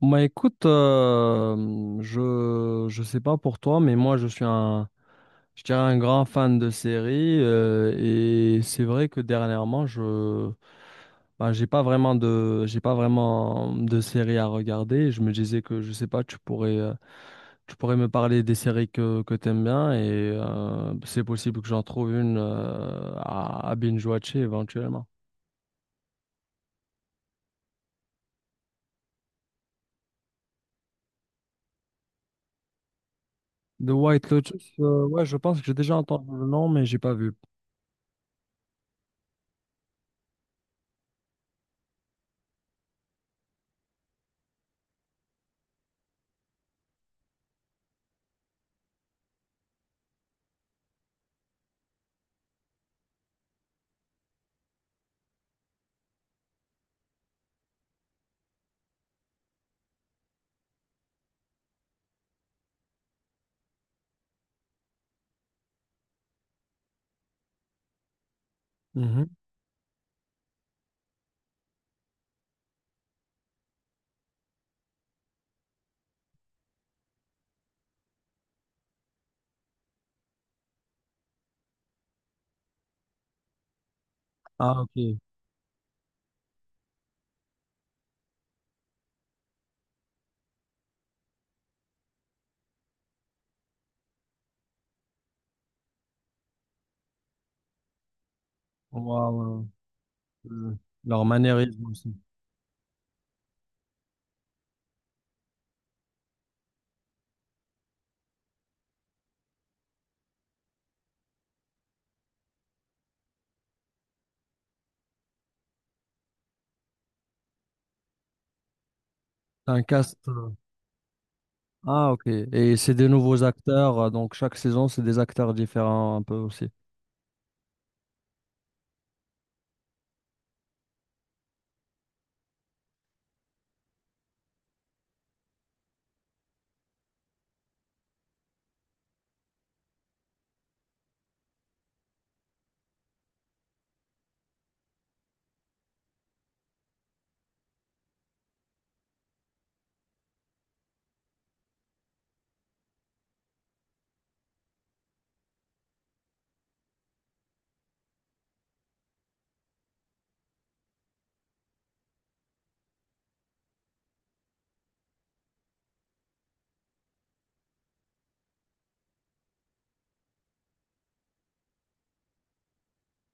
Bah écoute, je sais pas pour toi, mais moi je suis un, je dirais, un grand fan de séries et c'est vrai que dernièrement j'ai pas vraiment de, j'ai pas vraiment de séries à regarder. Je me disais que je sais pas, tu pourrais me parler des séries que t'aimes bien et c'est possible que j'en trouve une à binge-watcher éventuellement. The White Lotus, ouais, je pense que j'ai déjà entendu le nom, mais j'ai pas vu. Mhm. Ah, ok. Wow, euh, leur maniérisme aussi. C'est un cast. Ah, ok. Et c'est des nouveaux acteurs. Donc, chaque saison, c'est des acteurs différents un peu aussi.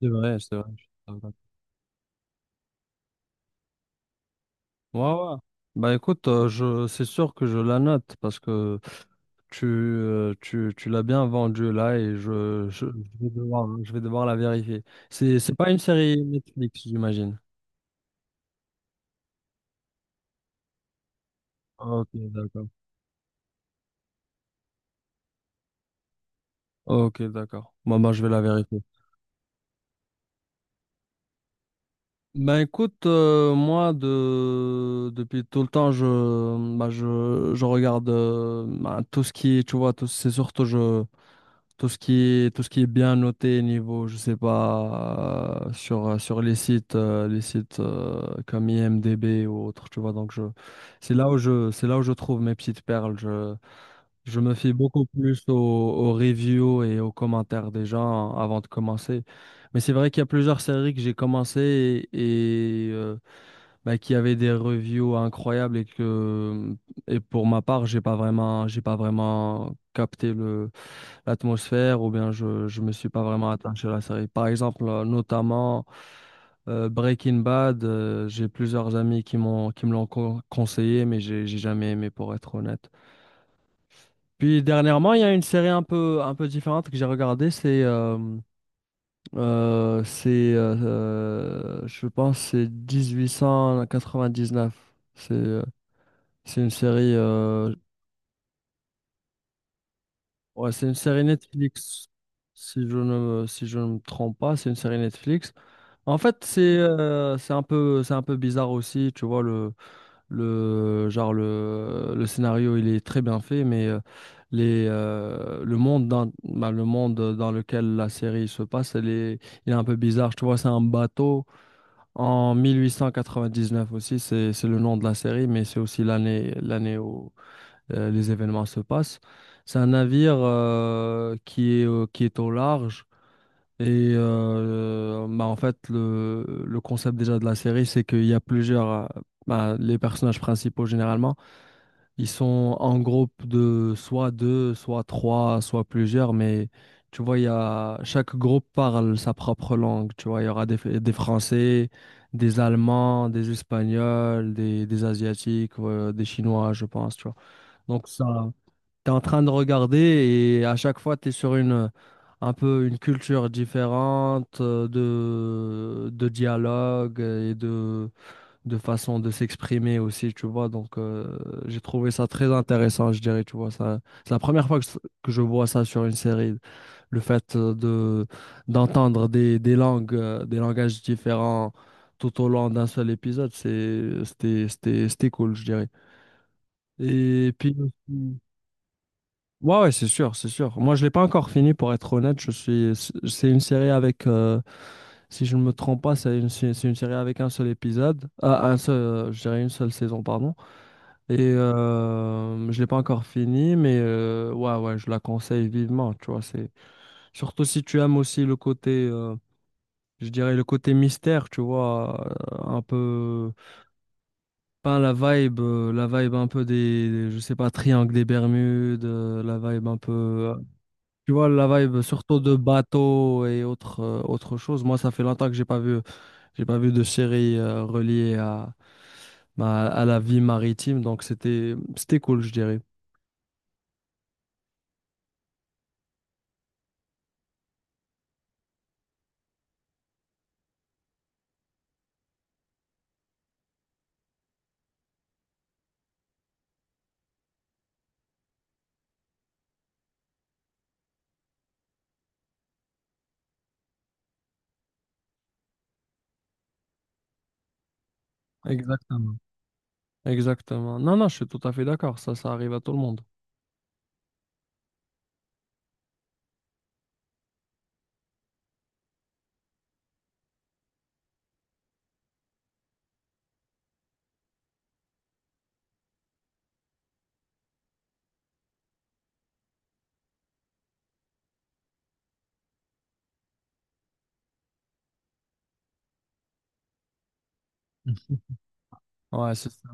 C'est vrai, c'est vrai. Je suis d'accord. Ouais, ouais. Bah, écoute, c'est sûr que je la note parce que tu l'as bien vendue là et je vais devoir la vérifier. C'est pas une série Netflix, j'imagine. Ok, d'accord. Ok, d'accord. Moi, je vais la vérifier. Ben écoute, moi de depuis tout le temps je regarde ben, tout ce qui est, tu vois, tout c'est surtout je tout ce qui est, tout ce qui est bien noté niveau je sais pas sur les sites comme IMDb ou autre, tu vois, donc je c'est là où je c'est là où je trouve mes petites perles. Je me fie beaucoup plus aux, aux reviews et aux commentaires des gens avant de commencer. Mais c'est vrai qu'il y a plusieurs séries que j'ai commencé et, bah, qui avaient des reviews incroyables et pour ma part, j'ai pas vraiment, j'ai pas vraiment capté le l'atmosphère ou bien je me suis pas vraiment attaché à la série. Par exemple, notamment Breaking Bad, j'ai plusieurs amis qui m'ont, qui me l'ont con- conseillé, mais j'ai jamais aimé, pour être honnête. Puis dernièrement, il y a une série un peu différente que j'ai regardée, c'est je pense, c'est 1899. C'est, euh, c'est une série, ouais, c'est une série Netflix, si je ne me trompe pas, c'est une série Netflix. En fait, c'est un peu bizarre aussi, tu vois, le scénario, il est très bien fait, mais le monde dans, bah, le monde dans lequel la série se passe, il est un peu bizarre. Tu vois, c'est un bateau en 1899. Aussi, c'est le nom de la série, mais c'est aussi l'année, l'année où les événements se passent. C'est un navire qui est, qui est au large. Et bah, en fait, le concept déjà de la série, c'est qu'il y a plusieurs, bah, les personnages principaux généralement. Ils sont en groupe de soit deux, soit trois, soit plusieurs, mais tu vois, chaque groupe parle sa propre langue. Tu vois, il y aura des Français, des Allemands, des Espagnols, des Asiatiques, des Chinois, je pense, tu vois. Donc ça, tu es en train de regarder et à chaque fois, tu es sur une, un peu une culture différente de dialogue et de façon de s'exprimer aussi, tu vois. Donc, j'ai trouvé ça très intéressant, je dirais, tu vois. Ça, c'est la première fois que je vois ça sur une série, le fait de d'entendre des langues, des langages différents tout au long d'un seul épisode, c'était cool, je dirais. Et puis, ouais, ouais, c'est sûr, c'est sûr. Moi, je l'ai pas encore fini, pour être honnête. C'est une série avec, si je ne me trompe pas, c'est une série avec un seul épisode. Ah, un seul, je dirais une seule saison, pardon. Et je l'ai pas encore fini, mais ouais, ouais, je la conseille vivement. Tu vois, c'est surtout si tu aimes aussi le côté, je dirais le côté mystère, tu vois, un peu, pas la vibe, la vibe un peu je sais pas, triangle des Bermudes, la vibe un peu, tu vois, la vibe, surtout de bateaux et autres, autres choses. Moi, ça fait longtemps que j'ai pas vu de série reliée à, bah, à la vie maritime, donc c'était, c'était cool, je dirais. Exactement. Exactement. Non, non, je suis tout à fait d'accord. Ça arrive à tout le monde. Ouais, c'est ça.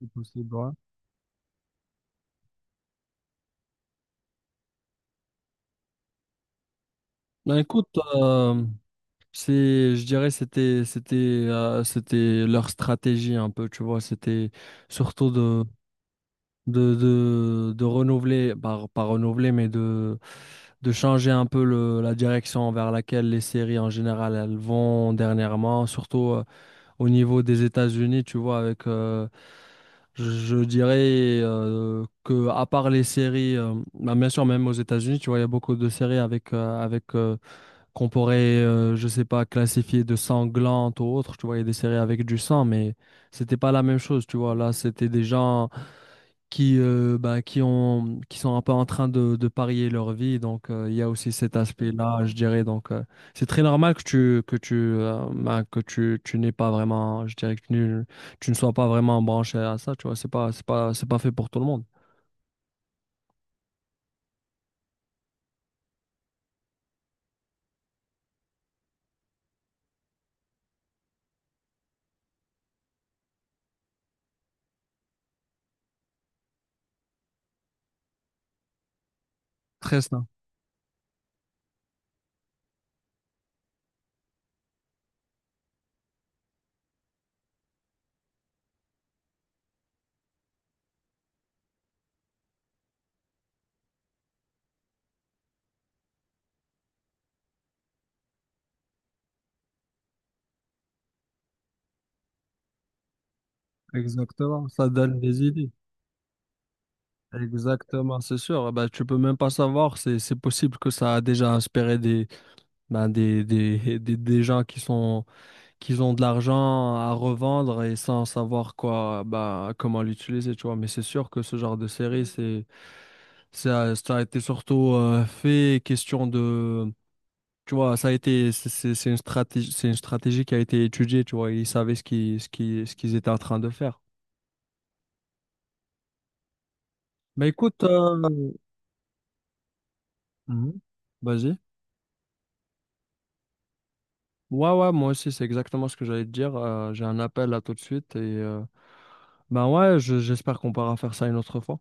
C'est possible, ouais. Ben écoute, euh, je dirais c'était leur stratégie un peu, tu vois, c'était surtout de renouveler, par, pas renouveler, mais de changer un peu la direction vers laquelle les séries en général elles vont dernièrement, surtout au niveau des États-Unis, tu vois, avec, je dirais que à part les séries, bah, bien sûr, même aux États-Unis, tu vois, il y a beaucoup de séries avec, qu'on pourrait, je sais pas, classifier de sanglantes ou autres, tu vois, il y a des séries avec du sang, mais c'était pas la même chose, tu vois, là, c'était des gens qui, bah, qui ont, qui sont un peu en train de parier leur vie. Donc, il y a aussi cet aspect-là, je dirais. Donc, c'est très normal que tu n'aies pas vraiment, je dirais que tu ne sois pas vraiment branché à ça. Tu vois, c'est pas fait pour tout le monde. Très ça, exactement. Ça donne des idées. Exactement, c'est sûr. Bah, tu peux même pas savoir. C'est possible que ça a déjà inspiré des, ben, des gens qui sont, qui ont de l'argent à revendre et sans savoir quoi, bah, comment l'utiliser, tu vois. Mais c'est sûr que ce genre de série, ça a été surtout fait question de, tu vois, ça a été, c'est une stratégie qui a été étudiée, tu vois. Ils savaient ce qu'ils étaient en train de faire. Mais écoute, euh. Mhm. Vas-y. Ouais, ouais, moi aussi, c'est exactement ce que j'allais te dire. J'ai un appel là tout de suite et ben ouais, j'espère qu'on pourra faire ça une autre fois.